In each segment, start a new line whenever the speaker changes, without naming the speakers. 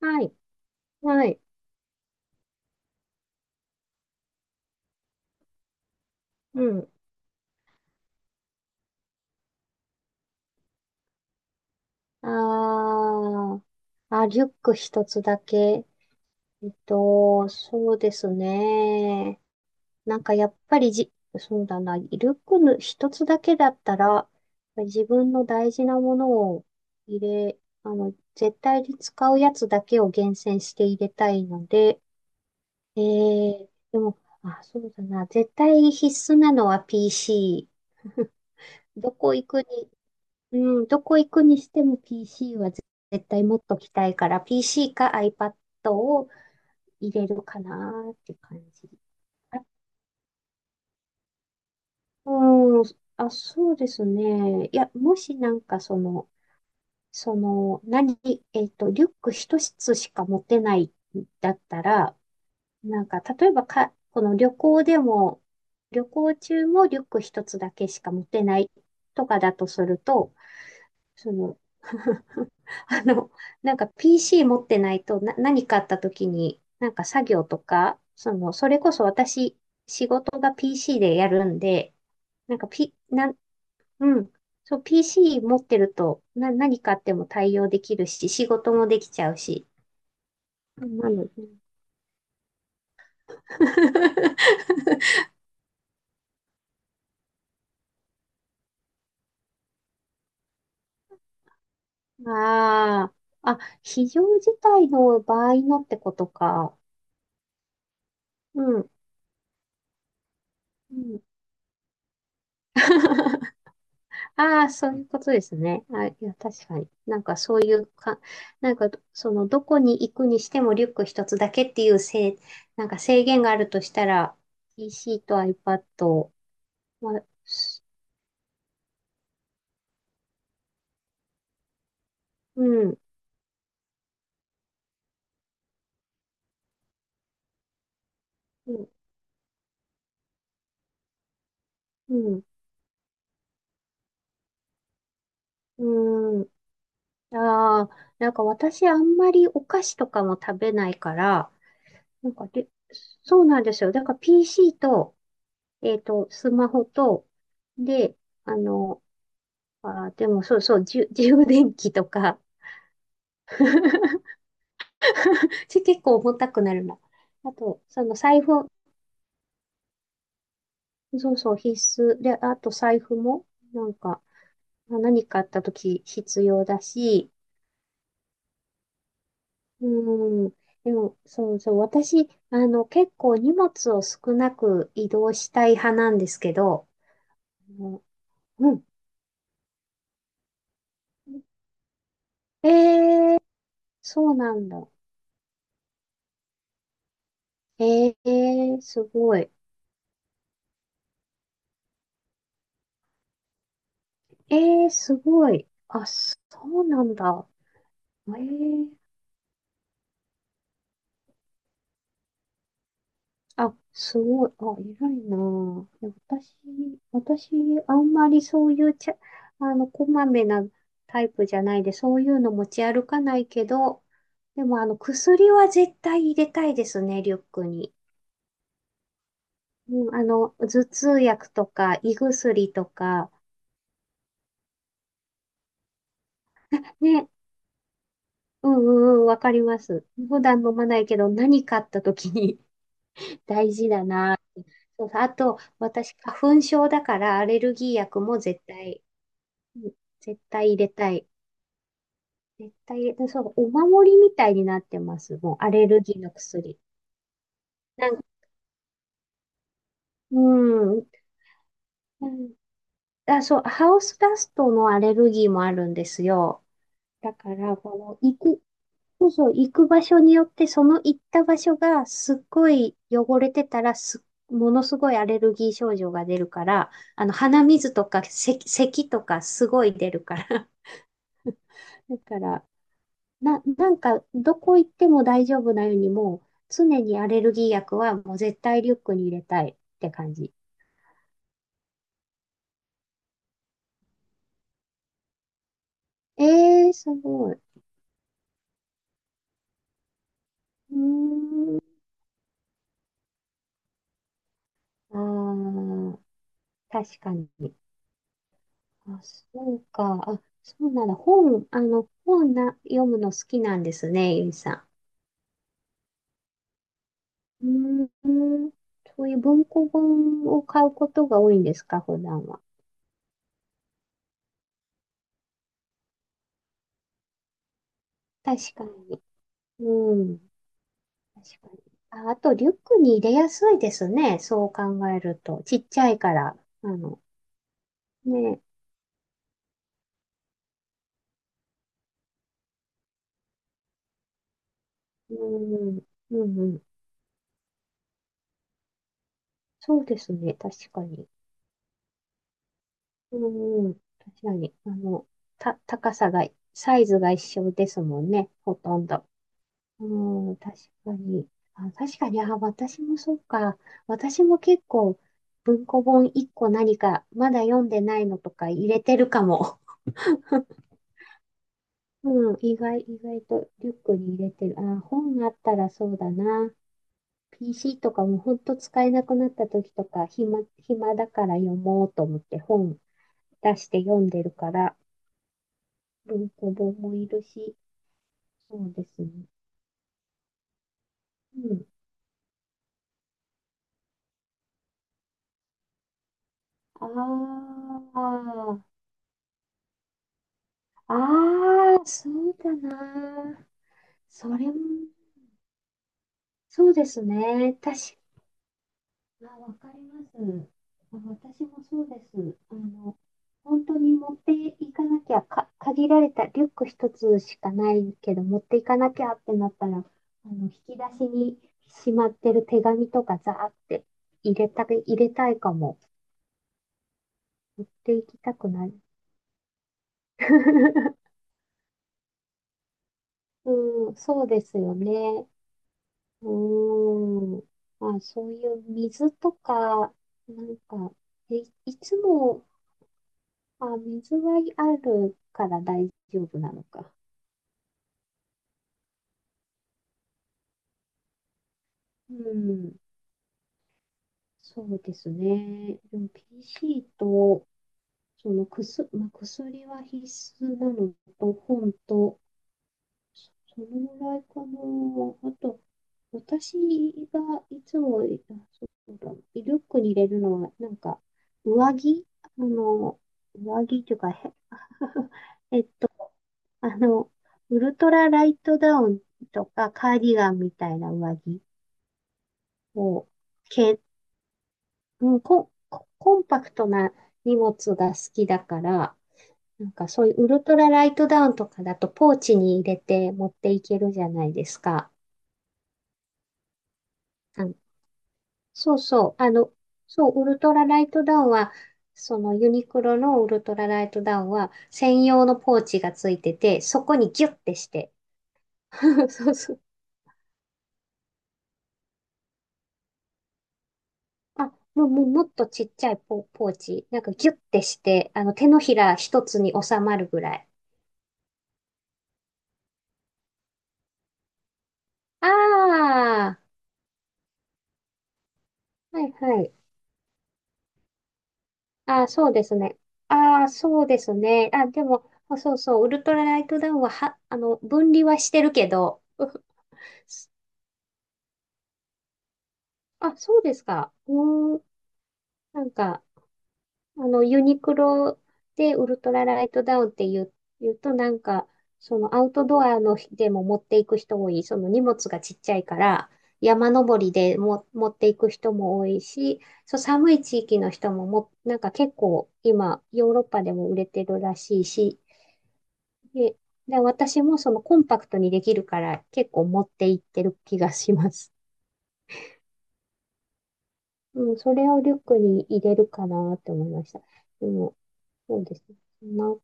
はい。はい。うん。あー、あ、リュック一つだけ。そうですね。なんかやっぱりじ、そうだな。リュックの一つだけだったら、自分の大事なものを入れ、あの、絶対に使うやつだけを厳選して入れたいので、でも、あ、そうだな。絶対必須なのは PC。どこ行くにうどこ行くにしても PC は絶対持っときたいから、PC か iPad を入れるかなーって感じ。あ、うん、あ、そうですね。いや、もしなんかその、その、何、リュック一つしか持てないんだったら、なんか、例えばか、この旅行でも、旅行中もリュック一つだけしか持てないとかだとすると、その、あの、なんか PC 持ってないとな、何かあった時に、なんか作業とか、その、それこそ私、仕事が PC でやるんで、なんか P、なん、うん、そう、PC 持ってると、何かあっても対応できるし、仕事もできちゃうし、なので、ああ、あ、非常事態の場合のってことか。うん。うん ああ、そういうことですね。あ、いや、確かに。なんかそういうか、なんか、その、どこに行くにしてもリュック一つだけっていうなんか制限があるとしたら、PC と iPad、まあ、すうん、うん、うん、うん。ああ、なんか私あんまりお菓子とかも食べないから、なんかで、そうなんですよ。だから PC と、スマホと、で、あの、でもそうそう、充電器とか、結構重たくなるな。あと、その財布、そうそう、必須。で、あと財布も、なんか、まあ何かあった時必要だし、うん。でも、そうそう、私、あの、結構荷物を少なく移動したい派なんですけど、うん。えー、そうなんだ。すごい。えすごい。あ、そうなんだ。えーあ、すごい。あ、偉いなぁ。いや私、私、あんまりそういうちゃ、あの、こまめなタイプじゃないで、そういうの持ち歩かないけど、でも、あの、薬は絶対入れたいですね、リュックに。うん、あの、頭痛薬とか、胃薬とか、ね、うんうんうん、わかります。普段飲まないけど、何かあった時に 大事だなぁ。そうそうあと、私、花粉症だから、アレルギー薬も絶対うん絶対入れたい。絶対入れたい。そう、お守りみたいになってます。もう、アレルギーの薬。なんうん。うんあ、そう、ハウスダストのアレルギーもあるんですよ。だから、この、行く、そうそう、行く場所によって、その行った場所がすっごい汚れてたら、ものすごいアレルギー症状が出るから、あの、鼻水とか、咳とかすごい出るから。だから、なんか、どこ行っても大丈夫なように、もう、常にアレルギー薬はもう絶対リュックに入れたいって感じ。ええーすごい。うーん。ああ、確かに。あ、そうか。あ、そうなんだ。本、あの、本な、読むの好きなんですね、ゆいさん。うーん。そういう文庫本を買うことが多いんですか、普段は。確かに。うん。確かに。あ、あと、リュックに入れやすいですね。そう考えると。ちっちゃいから。あの、ね。うん。うんうん。そうですね。確かに。うんうん。確かに。あの、た、高さが、サイズが一緒ですもんね。ほとんど。うん。確かに。あ、確かに。あ、私もそうか。私も結構、文庫本1個何か、まだ読んでないのとか入れてるかも。うん、意外とリュックに入れてる。本あったらそうだな。PC とかもほんと使えなくなった時とか、暇だから読もうと思って本出して読んでるから、文庫本もいるし、そうですね。うん。ああ、ああ、そうだな。それも、そうですね。わかります。あ私もそうです。あの、本当に持っていかなきゃ、限られたリュック一つしかないけど、持っていかなきゃってなったら、あの、引き出しにしまってる手紙とかザーって入れたいかも。持っていきたくない。うん、そうですよね。うーん。まあ、そういう水とか、なんか、え、いつもあ、水はあるから大丈夫なのか。うん、そうですね。でも PC と、その薬、まあ、薬は必須なのと、本と、そのぐらいかな。あと、私がいつも、あ、そうだ、リュックに入れるのは、なんか、上着あの、上着というか、えっと、あの、ウルトラライトダウンとか、カーディガンみたいな上着を、け、うん、ココンパクトな荷物が好きだから、なんかそういうウルトラライトダウンとかだとポーチに入れて持っていけるじゃないですか。そうそう。あの、そう、ウルトラライトダウンは、そのユニクロのウルトラライトダウンは専用のポーチがついてて、そこにギュッてして。そうそう。あ、もう、もっとちっちゃいポーチ。なんかギュッてして、あの、手のひら一つに収まるぐらい。ああ、はいはい。ああ、そうですね。ああ、そうですね。あ、でも、あそうそう、ウルトラライトダウンは、あの、分離はしてるけど、あ、そうですか。うーん、なんか、あの、ユニクロでウルトラライトダウンって言うとなんか、そのアウトドアのでも持っていく人多い、その荷物がちっちゃいから、山登りでも持っていく人も多いし、そう寒い地域の人も、なんか結構今、ヨーロッパでも売れてるらしいし、で、で、私もそのコンパクトにできるから結構持っていってる気がします。うん、それをリュックに入れるかなって思いました。でも、そうですね。そんな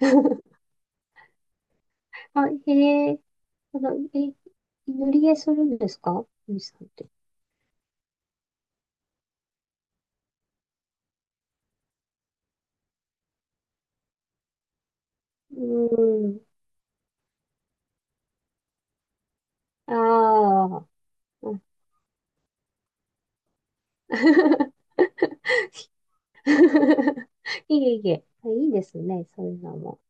あ、へえ。あの、え、塗り絵するんですかゆいさんって。うーん。ああ。うん いえいえ。あ、いいですね。そういうのも。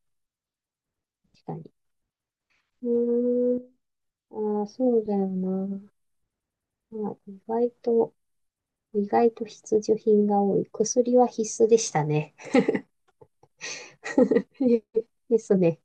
確かに。うーん。ああ、そうだよな。まあ、意外と必需品が多い。薬は必須でしたね。ですね。